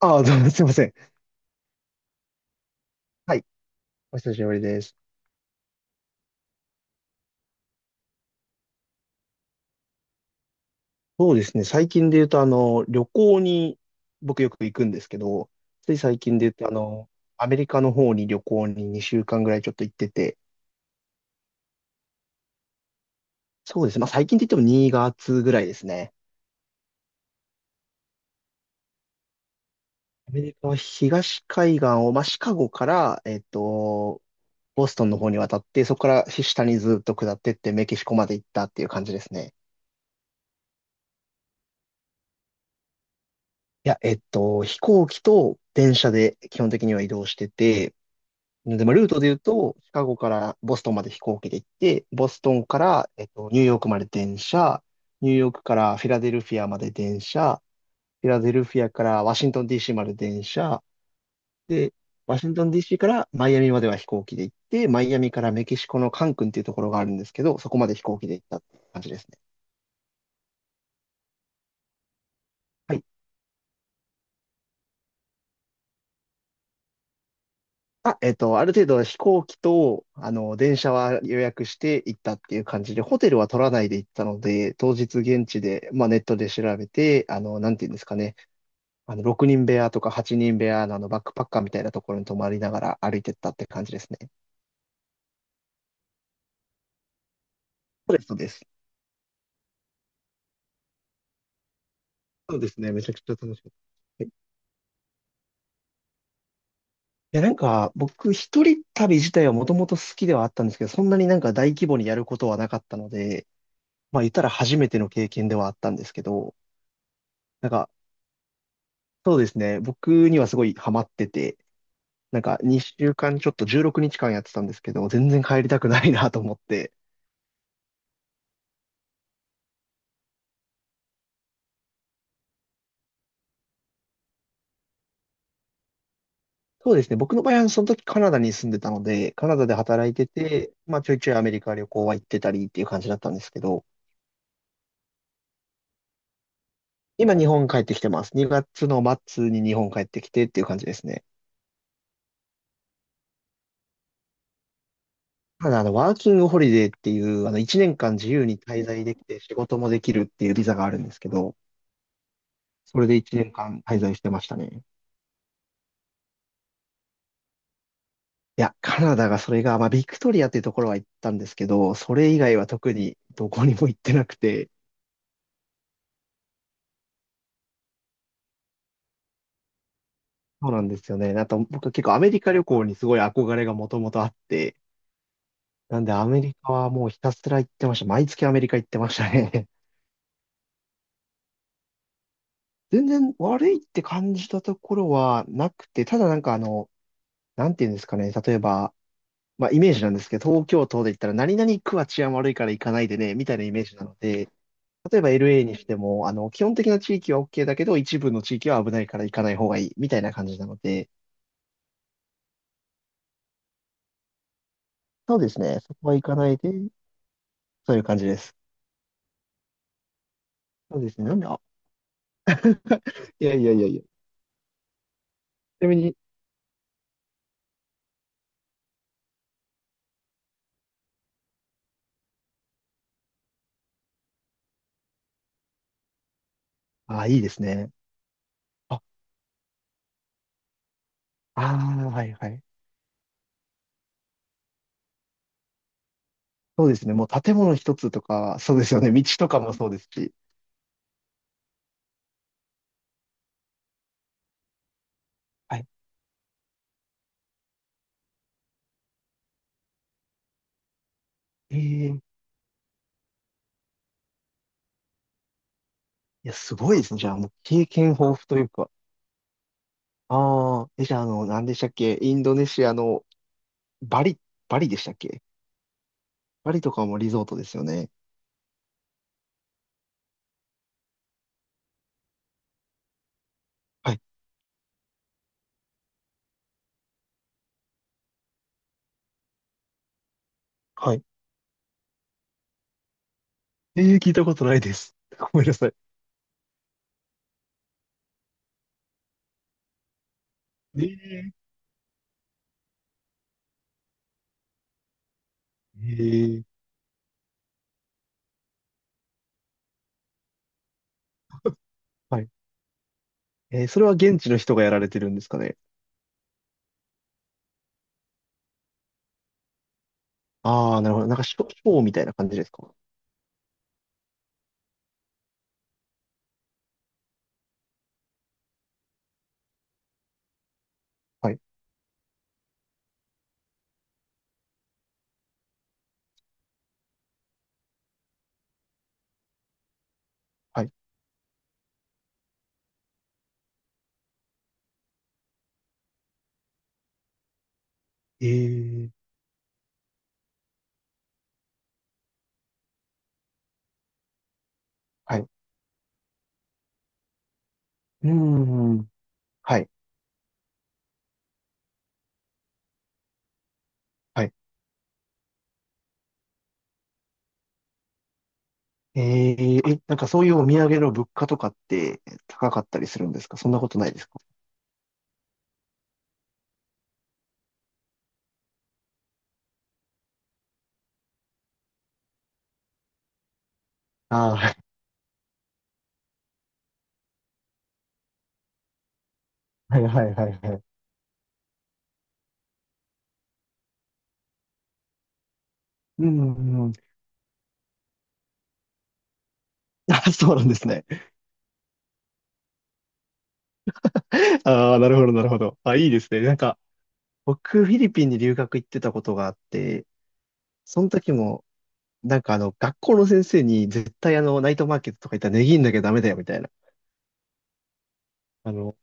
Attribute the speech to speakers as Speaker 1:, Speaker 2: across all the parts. Speaker 1: ああ、どうもすいません。はい。お久しぶりです。そうですね。最近で言うと、旅行に僕よく行くんですけど、つい最近で言うと、アメリカの方に旅行に2週間ぐらいちょっと行ってて、そうですね。まあ最近で言っても2月ぐらいですね。アメリカは東海岸を、まあシカゴから、ボストンの方に渡って、そこから下にずっと下ってってメキシコまで行ったっていう感じですね。いや、飛行機と電車で基本的には移動してて、でもルートで言うと、シカゴからボストンまで飛行機で行って、ボストンから、ニューヨークまで電車、ニューヨークからフィラデルフィアまで電車、フィラデルフィアからワシントン DC まで電車、で、ワシントン DC からマイアミまでは飛行機で行って、マイアミからメキシコのカンクンっていうところがあるんですけど、そこまで飛行機で行ったって感じですね。はい。あ、ある程度飛行機と、電車は予約して行ったっていう感じで、ホテルは取らないで行ったので、当日現地で、まあ、ネットで調べて、なんていうんですかね、6人部屋とか8人部屋のバックパッカーみたいなところに泊まりながら歩いてったって感じですね。そうです、そうです。そうですね、めちゃくちゃ楽しかった。いや、なんか、僕、一人旅自体はもともと好きではあったんですけど、そんなになんか大規模にやることはなかったので、まあ、言ったら初めての経験ではあったんですけど、なんか、そうですね。僕にはすごいハマってて、なんか2週間ちょっと16日間やってたんですけど、全然帰りたくないなと思って。そうですね。僕の場合はその時カナダに住んでたので、カナダで働いてて、まあちょいちょいアメリカ旅行は行ってたりっていう感じだったんですけど、今日本帰ってきてます。2月の末に日本帰ってきてっていう感じですね。ただワーキングホリデーっていう、1年間自由に滞在できて仕事もできるっていうビザがあるんですけど、それで1年間滞在してましたね。いや、カナダがそれが、まあ、ビクトリアっていうところは行ったんですけど、それ以外は特にどこにも行ってなくて、そうなんですよね。あと、僕は結構アメリカ旅行にすごい憧れがもともとあって、なんでアメリカはもうひたすら行ってました。毎月アメリカ行ってましたね。全然悪いって感じたところはなくて、ただなんかなんていうんですかね、例えば、まあイメージなんですけど、東京都で言ったら何々区は治安悪いから行かないでね、みたいなイメージなので、例えば LA にしても、基本的な地域は OK だけど、一部の地域は危ないから行かない方がいい、みたいな感じなので、そうですね。そこは行かないで、そういう感じです。そうですね。なんで、あ、いやいやいやいや。ちなみに、あ、いいですね。あ、ああ、はいはい。そうですね。もう建物一つとか、そうですよね。道とかもそうですし。はい。ええ、いや、すごいですね。じゃあ、もう経験豊富というか。ああ、え、じゃあ、何でしたっけ、インドネシアのバリ、バリでしたっけ？バリとかもリゾートですよね。はい。はい。ええ、聞いたことないです。ごめんなさい。ええ、ええ、はい。それは現地の人がやられてるんですかね。ああ、なるほど。なんかショーみたいな感じですか。はい、はい。ええ、はい。うーん、はい、はい。ええ、え、なんかそういうお土産の物価とかって高かったりするんですか？そんなことないですか？ああー、はい、はい、はい、はい。はい。うんうん。あ、そうなんですね。ああ、なるほど、なるほど。あ、いいですね。なんか、僕、フィリピンに留学行ってたことがあって、その時も、なんか学校の先生に絶対ナイトマーケットとか行ったら値切んなきゃダメだよみたいな。あの、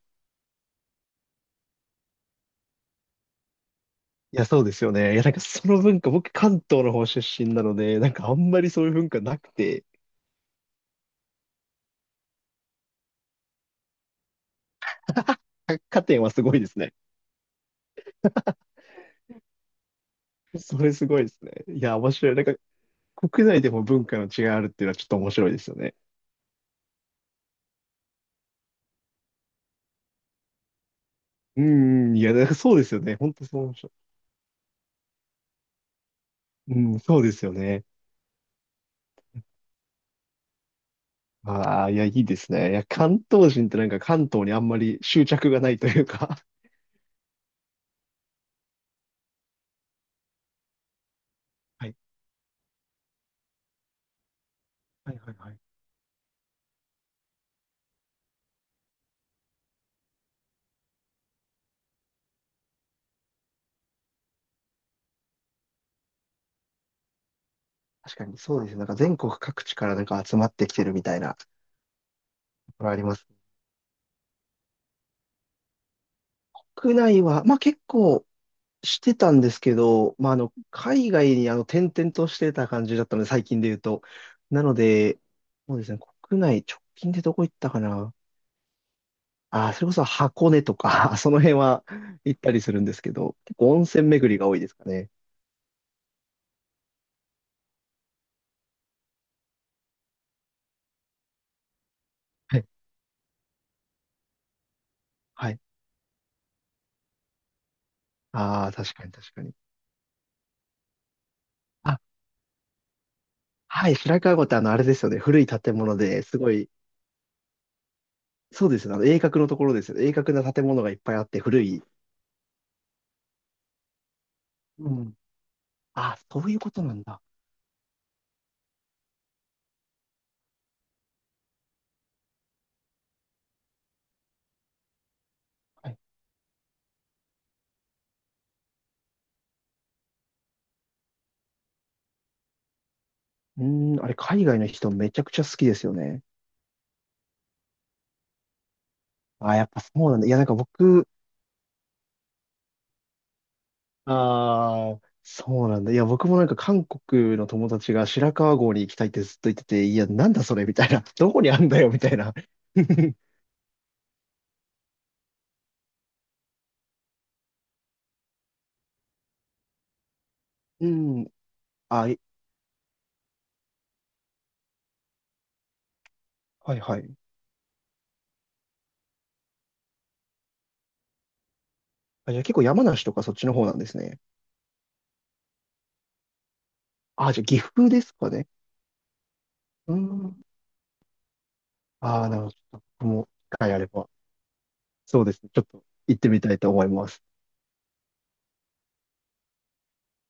Speaker 1: いや、そうですよね。いや、なんか その文化、僕関東の方出身なので、なんかあんまりそういう文化なくて、百貨店はすごいですね。それすごいですね。いや、面白い。なんか国内でも文化の違いあるっていうのはちょっと面白いですよね。うんうん、いや、なんかそうですよね。本当そう面白い。うん、そうですよね。ああ、いや、いいですね。いや、関東人ってなんか関東にあんまり執着がないというか。はいはいはいはい、確かにそうですね。なんか全国各地からなんか集まってきてるみたいなところあります。国内は、まあ結構してたんですけど、まあ海外に転々としてた感じだったので、最近で言うと。なので、そうですね、国内直近でどこ行ったかな。ああ、それこそ箱根とか、その辺は行ったりするんですけど、結構温泉巡りが多いですかね。はい。はい。ああ、確かに確かに。あ、はい、白川郷ってあれですよね。古い建物ですごい、そうですね。鋭角のところですよ。鋭角な建物がいっぱいあって古い。うん。あ、そういうことなんだ。はい。うーん、あれ、海外の人めちゃくちゃ好きですよね。あ、やっぱそうなんだ。いや、なんか僕、ああ、そうなんだ。いや、僕もなんか韓国の友達が白川郷に行きたいってずっと言ってて、いや、なんだそれみたいな。どこにあんだよみたいな。うん。あ、いはいはい。あ、じゃあ結構山梨とかそっちの方なんですね。あ、じゃあ岐阜ですかね。うん。ああ、なるほど。ちょっと僕も、機会あれば。そうですね。ちょっと行ってみたいと思います。